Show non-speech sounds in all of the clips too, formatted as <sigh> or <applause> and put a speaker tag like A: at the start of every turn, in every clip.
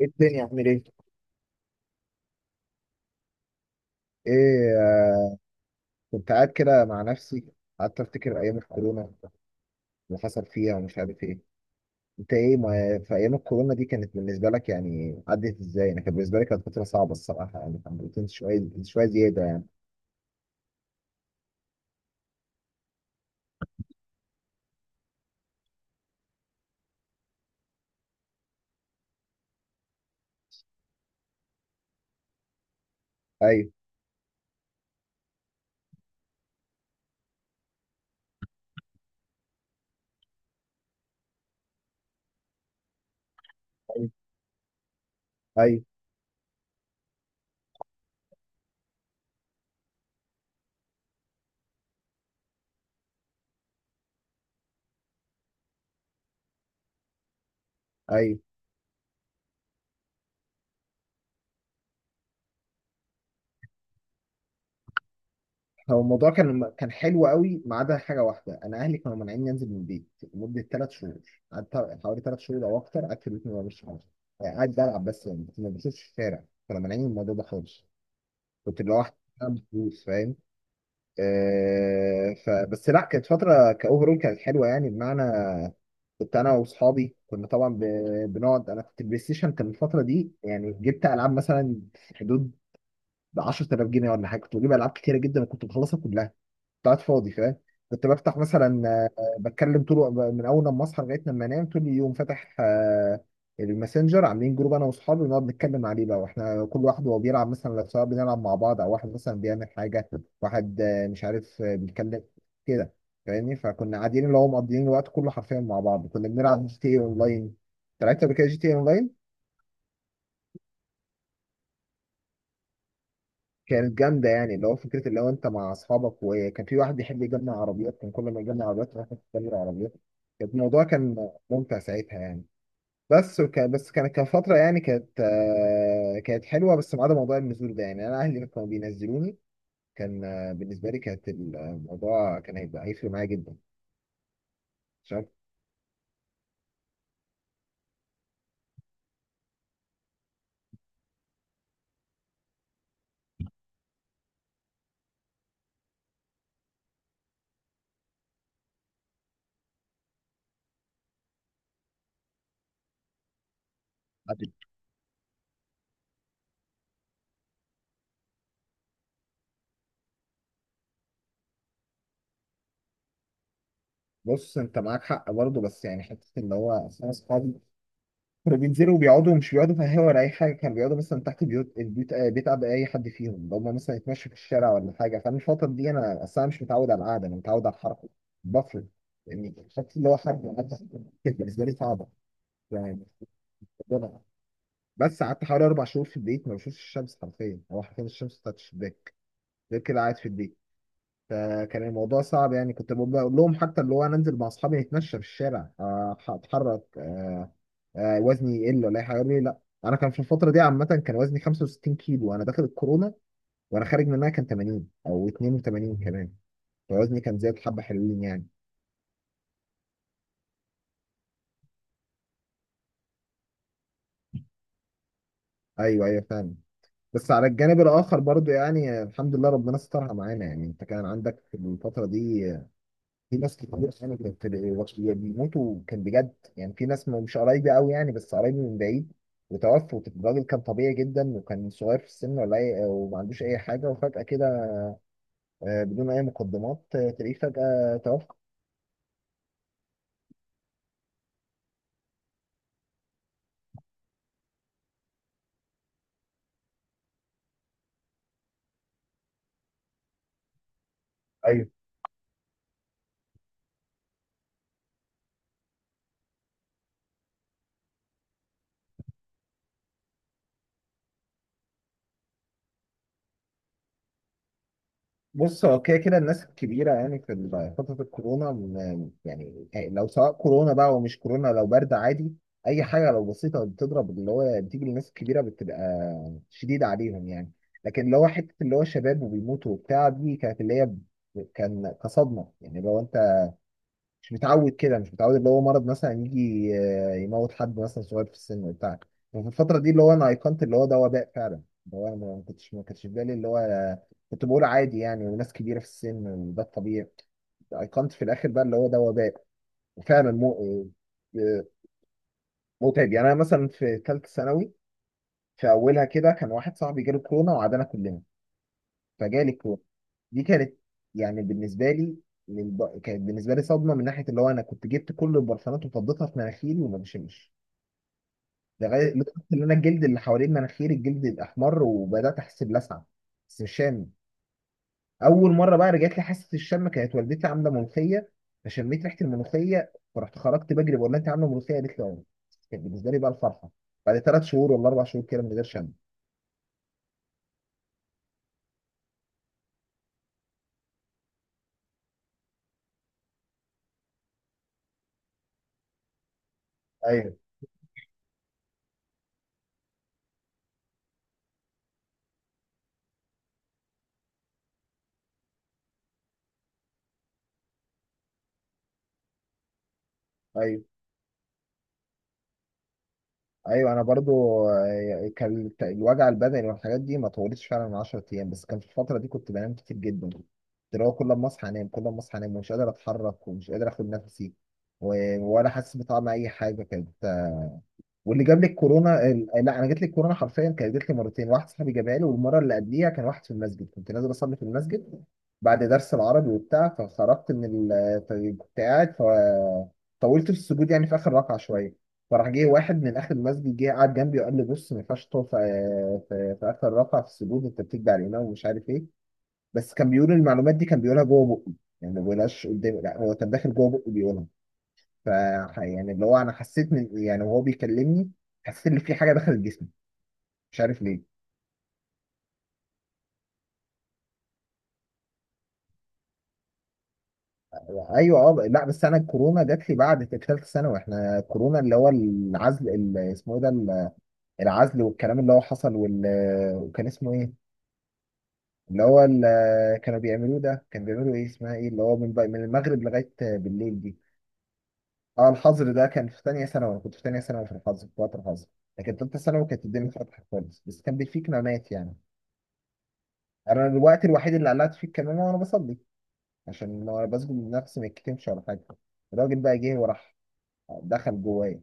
A: ايه الدنيا عامل ايه؟ ايه كنت قاعد كده مع نفسي. قعدت افتكر ايام الكورونا اللي حصل فيها ومش عارف ايه. انت ايه، ما في ايام الكورونا دي كانت بالنسبه لك، يعني عدت ازاي؟ انا كانت بالنسبه لي كانت فتره صعبه الصراحه، يعني كان بروتين شويه شويه زياده يعني. ايوه، ايوه، ايوه، ايوه. هو الموضوع كان حلو قوي ما عدا حاجه واحده، انا اهلي كانوا مانعيني انزل من البيت لمده ثلاث شهور. قعدت حوالي ثلاث شهور او اكتر قعدت في البيت ما بعملش حاجه، يعني قاعد بلعب بس، يعني ما بشوفش الشارع، كانوا مانعيني من الموضوع ده خالص. كنت لوحدي بعمل فلوس، فاهم؟ آه، فبس لا، كانت فتره كاوفرول كانت حلوه، يعني بمعنى كنت انا واصحابي كنا طبعا بنقعد. انا كنت البلاي ستيشن كان الفتره دي، يعني جبت العاب مثلا في حدود 10,000 جنيه ولا حاجه، كنت بجيب العاب كتيره جدا وكنت بخلصها كلها. قاعد فاضي، فاهم؟ كنت بفتح مثلا، بتكلم طول من اول لما اصحى لغايه لما انام، طول اليوم فاتح الماسنجر. عاملين جروب انا واصحابي بنقعد نتكلم عليه بقى، واحنا كل واحد وهو بيلعب، مثلا لو سواء بنلعب مع بعض او واحد مثلا بيعمل حاجه. واحد مش عارف، بيتكلم كده، فاهمني؟ فكنا قاعدين اللي هو مقضيين الوقت كله حرفيا مع بعض. كنا بنلعب جي تي اي اونلاين. لعبت قبل كده جي تي اي اونلاين؟ كانت جامده يعني، اللي هو فكره اللي هو انت مع اصحابك، وكان في واحد بيحب يجمع عربيات، كان كل ما يجمع عربيات راح يشتري عربيات. كان الموضوع كان ممتع ساعتها يعني. بس، وكان بس كانت كان فتره، يعني كانت كانت حلوه بس ما عدا موضوع النزول ده، يعني انا اهلي كانوا بينزلوني. كان بالنسبه لي كانت الموضوع كان هيبقى هيفرق معايا جدا عشان. بص انت معاك حق برضه، بس يعني حته اللي هو أصل انا اصحابي كانوا بينزلوا وبيقعدوا، مش بيقعدوا في القهوة ولا أي حاجة، كانوا بيقعدوا مثلا تحت بيوت البيوت، بيت أب أي حد فيهم، لو هما مثلا يتمشوا في الشارع ولا حاجة. فأنا الفترة دي أنا أصلا مش متعود على القعدة، أنا متعود على الحركة. بفرق يعني. الشكل اللي هو كانت بالنسبة لي صعبة يعني. بس قعدت حوالي أربع شهور في البيت ما بشوفش الشمس حرفيا، هو حرفيا الشمس بتاعت الشباك غير كده قاعد في البيت. فكان الموضوع صعب يعني، كنت بقول لهم حتى اللي هو أنا أنزل مع أصحابي نتمشى في الشارع، أتحرك، وزني يقل ولا اي حاجه. قال لي لا. انا كان في الفتره دي عامه كان وزني 65 كيلو وانا داخل الكورونا، وانا خارج منها كان 80 او 82 كمان. فوزني كان زاد حبه حلوين يعني. ايوه ايوه، فاهم. بس على الجانب الاخر برضو يعني، الحمد لله ربنا سترها معانا يعني. انت كان عندك في الفتره دي في ناس كتير يعني كانت بيموتوا، كان بجد يعني. في ناس مش قرايبي قوي يعني، بس قرايبي من بعيد، وتوفوا. الراجل كان طبيعي جدا وكان صغير في السن ولا اي، وما عندوش اي حاجه، وفجاه كده بدون اي مقدمات، تلاقيه فجأة توفى. ايوه. بص، هو كده كده الناس الكبيرة يعني في فترة الكورونا يعني لو سواء كورونا بقى ومش كورونا، لو برد عادي، أي حاجة لو بسيطة بتضرب اللي هو بتيجي للناس الكبيرة بتبقى شديدة عليهم يعني. لكن اللي هو حتة اللي هو شباب وبيموتوا وبتاع، دي كانت اللي هي كان كصدمة يعني. لو أنت مش متعود كده، مش متعود اللي هو مرض مثلا يجي، يموت حد مثلا صغير في السن وبتاع. وفي الفترة دي اللي هو أنا أيقنت اللي هو ده وباء فعلا، اللي هو أنا ما كنتش ما كانش في بالي اللي هو، كنت بقول عادي يعني، وناس كبيرة في السن وده الطبيعي. أيقنت في الآخر بقى اللي هو ده وباء. وفعلا آه، متعب يعني. أنا مثلا في ثالثة ثانوي، في أولها كده، كان واحد صاحبي جاله كورونا وعدنا كلنا فجالي كورونا. دي كانت، يعني بالنسبه لي، كانت بالنسبه لي صدمه، من ناحيه اللي هو انا كنت جبت كل البرفانات وفضيتها في مناخيري وما بشمش، لغايه لدرجه ان انا الجلد اللي حوالين مناخيري الجلد الاحمر وبدات احس بلسعه، بس مش شامم. اول مره بقى رجعت لي حاسه الشم كانت والدتي عامله ملوخيه، فشميت ريحه الملوخيه، فرحت خرجت بجري بقول لها انت عامله ملوخيه؟ قالت لي اه. كانت بالنسبه لي بقى الفرحه بعد ثلاث شهور ولا اربع شهور كده من غير شم. ايوه ايوه. ايوه انا برضو، كان الوجع البدني والحاجات دي ما طولتش فعلا من 10 ايام. بس كان في الفتره دي كنت بنام كتير جدا، كنت اللي هو كل ما اصحى انام، كل ما اصحى انام، ومش قادر اتحرك ومش قادر اخد نفسي ولا حاسس بطعم اي حاجه كده. واللي جاب لي الكورونا لا، انا جات لي الكورونا حرفيا كانت جات لي مرتين. واحد صاحبي جابها لي، والمره اللي قبليها كان واحد في المسجد. كنت نازل اصلي في المسجد بعد درس العربي وبتاع، فخرجت من فكنت قاعد، فطولت في السجود يعني في اخر ركعه شويه. فراح جه واحد من اخر المسجد، جه قعد جنبي وقال لي بص ما ينفعش تقف في اخر ركعه في السجود، انت بتكبر علينا ومش عارف ايه. بس كان بيقول المعلومات دي كان بيقولها جوه بقي، يعني ما بيقولهاش قدامي، لا هو كان داخل جوه بقي بيقولها. ف يعني اللي هو انا حسيت من، يعني وهو بيكلمني حسيت ان في حاجه دخلت جسمي، مش عارف ليه. ايوه. اه لا، بس انا الكورونا جات لي بعد ثالثه ثانوي. احنا الكورونا اللي هو العزل اللي اسمه ايه ده، العزل والكلام اللي هو حصل وكان اسمه ايه اللي هو اللي كانوا بيعملوه ده، كان بيعملوا ايه اسمها ايه، اللي هو من المغرب لغايه بالليل دي. اه الحظر، ده كان في ثانيه ثانوي. انا كنت في ثانيه ثانوي في الحظر، في وقت الحظر. لكن ثالثه ثانوي كانت الدنيا فتحت خالص، بس كان بيفيك نومات يعني. انا الوقت الوحيد اللي قلعت فيه الكمامه وانا بصلي، عشان لو انا بسجد لنفسي ما يتكتمش ولا حاجه. الراجل بقى جه وراح دخل جوايا.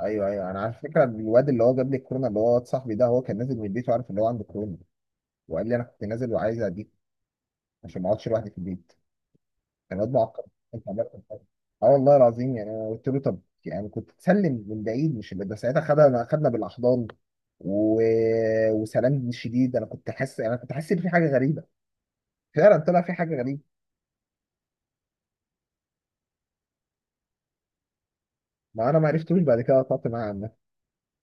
A: ايوه ايوه. انا على فكره الواد اللي هو جاب لي الكورونا، اللي هو واد صاحبي ده، هو كان نازل من البيت وعارف ان هو عنده كورونا، وقال لي انا كنت نازل وعايز اديك عشان ما اقعدش لوحدي في البيت. كان واد معقد. انت عملت إيه؟ اه والله العظيم. يعني انا قلت له طب يعني كنت تسلم من بعيد مش اللي ده، ساعتها خدنا بالاحضان و... وسلام شديد. انا كنت حاسس، انا كنت حاسس ان في حاجه غريبه، فعلا طلع في حاجه غريبه. ما انا ما عرفتوش بعد كده، قطعت معاه عنه.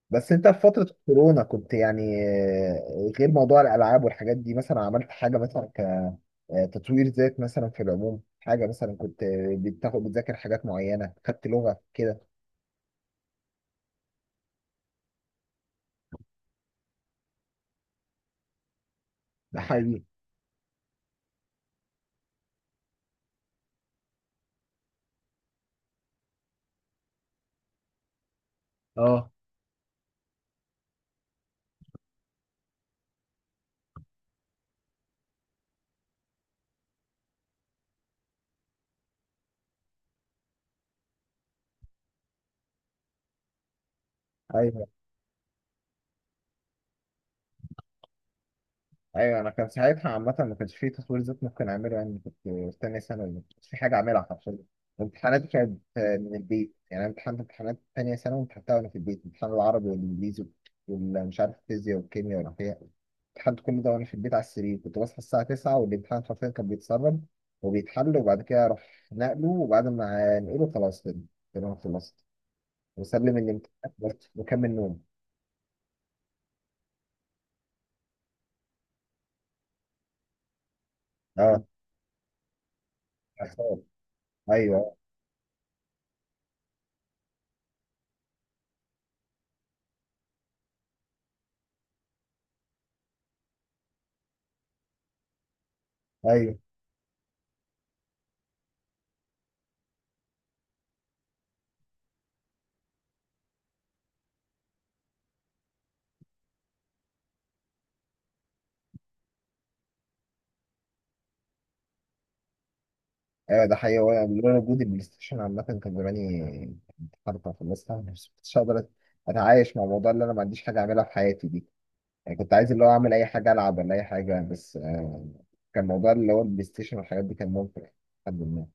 A: بس انت في فترة كورونا كنت يعني، غير موضوع الالعاب والحاجات دي، مثلا عملت حاجة مثلا كتطوير ذات مثلا، في العموم حاجة مثلا كنت بتاخد بتذاكر حاجات معينة، خدت لغة كده؟ ده حقيقي. اه. ايوه ايوه. انا كان ساعتها عامه ما كانش فيه تطوير ذات ممكن اعمله، يعني كنت في تانية ثانوي ما كانش في حاجه اعملها حرفيا. امتحاناتي كانت من البيت يعني. انا امتحنت امتحانات تانية ثانوي امتحنتها وانا في البيت، امتحان العربي والانجليزي ومش عارف الفيزياء والكيمياء والاحياء، امتحنت كل ده وانا في البيت على السرير. كنت بصحى الساعه 9 والامتحان حرفيا كان بيتسرب وبيتحل، وبعد كده اروح نقله، وبعد ما نقله خلاص كده، كده انا خلصت، واسلم الامتحان بس واكمل نوم. اه <laughs> حصل. ايوه ايوه ايوه. ده حقيقي. وانا لولا وجود البلاي ستيشن عامة كان زماني كنت حرفة في الناس، مش كنتش هقدر اتعايش مع الموضوع، اللي انا ما عنديش حاجة اعملها في حياتي دي يعني. كنت عايز اللي هو اعمل اي حاجة، العب ولا اي حاجة، بس كان موضوع اللي هو البلاي ستيشن والحاجات دي كان ممتع، الحمد لله.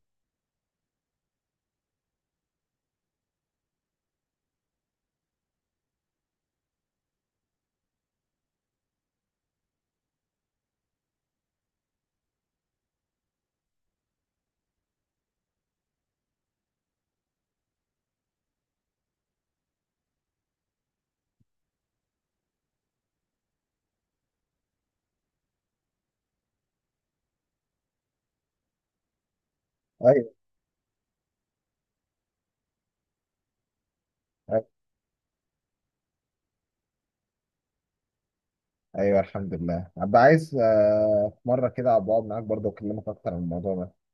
A: ايوه ايوه. أيوة، الحمد لله. ابقى عايز في مرة كده ابقى اقعد معاك برضه واكلمك اكتر عن الموضوع ده.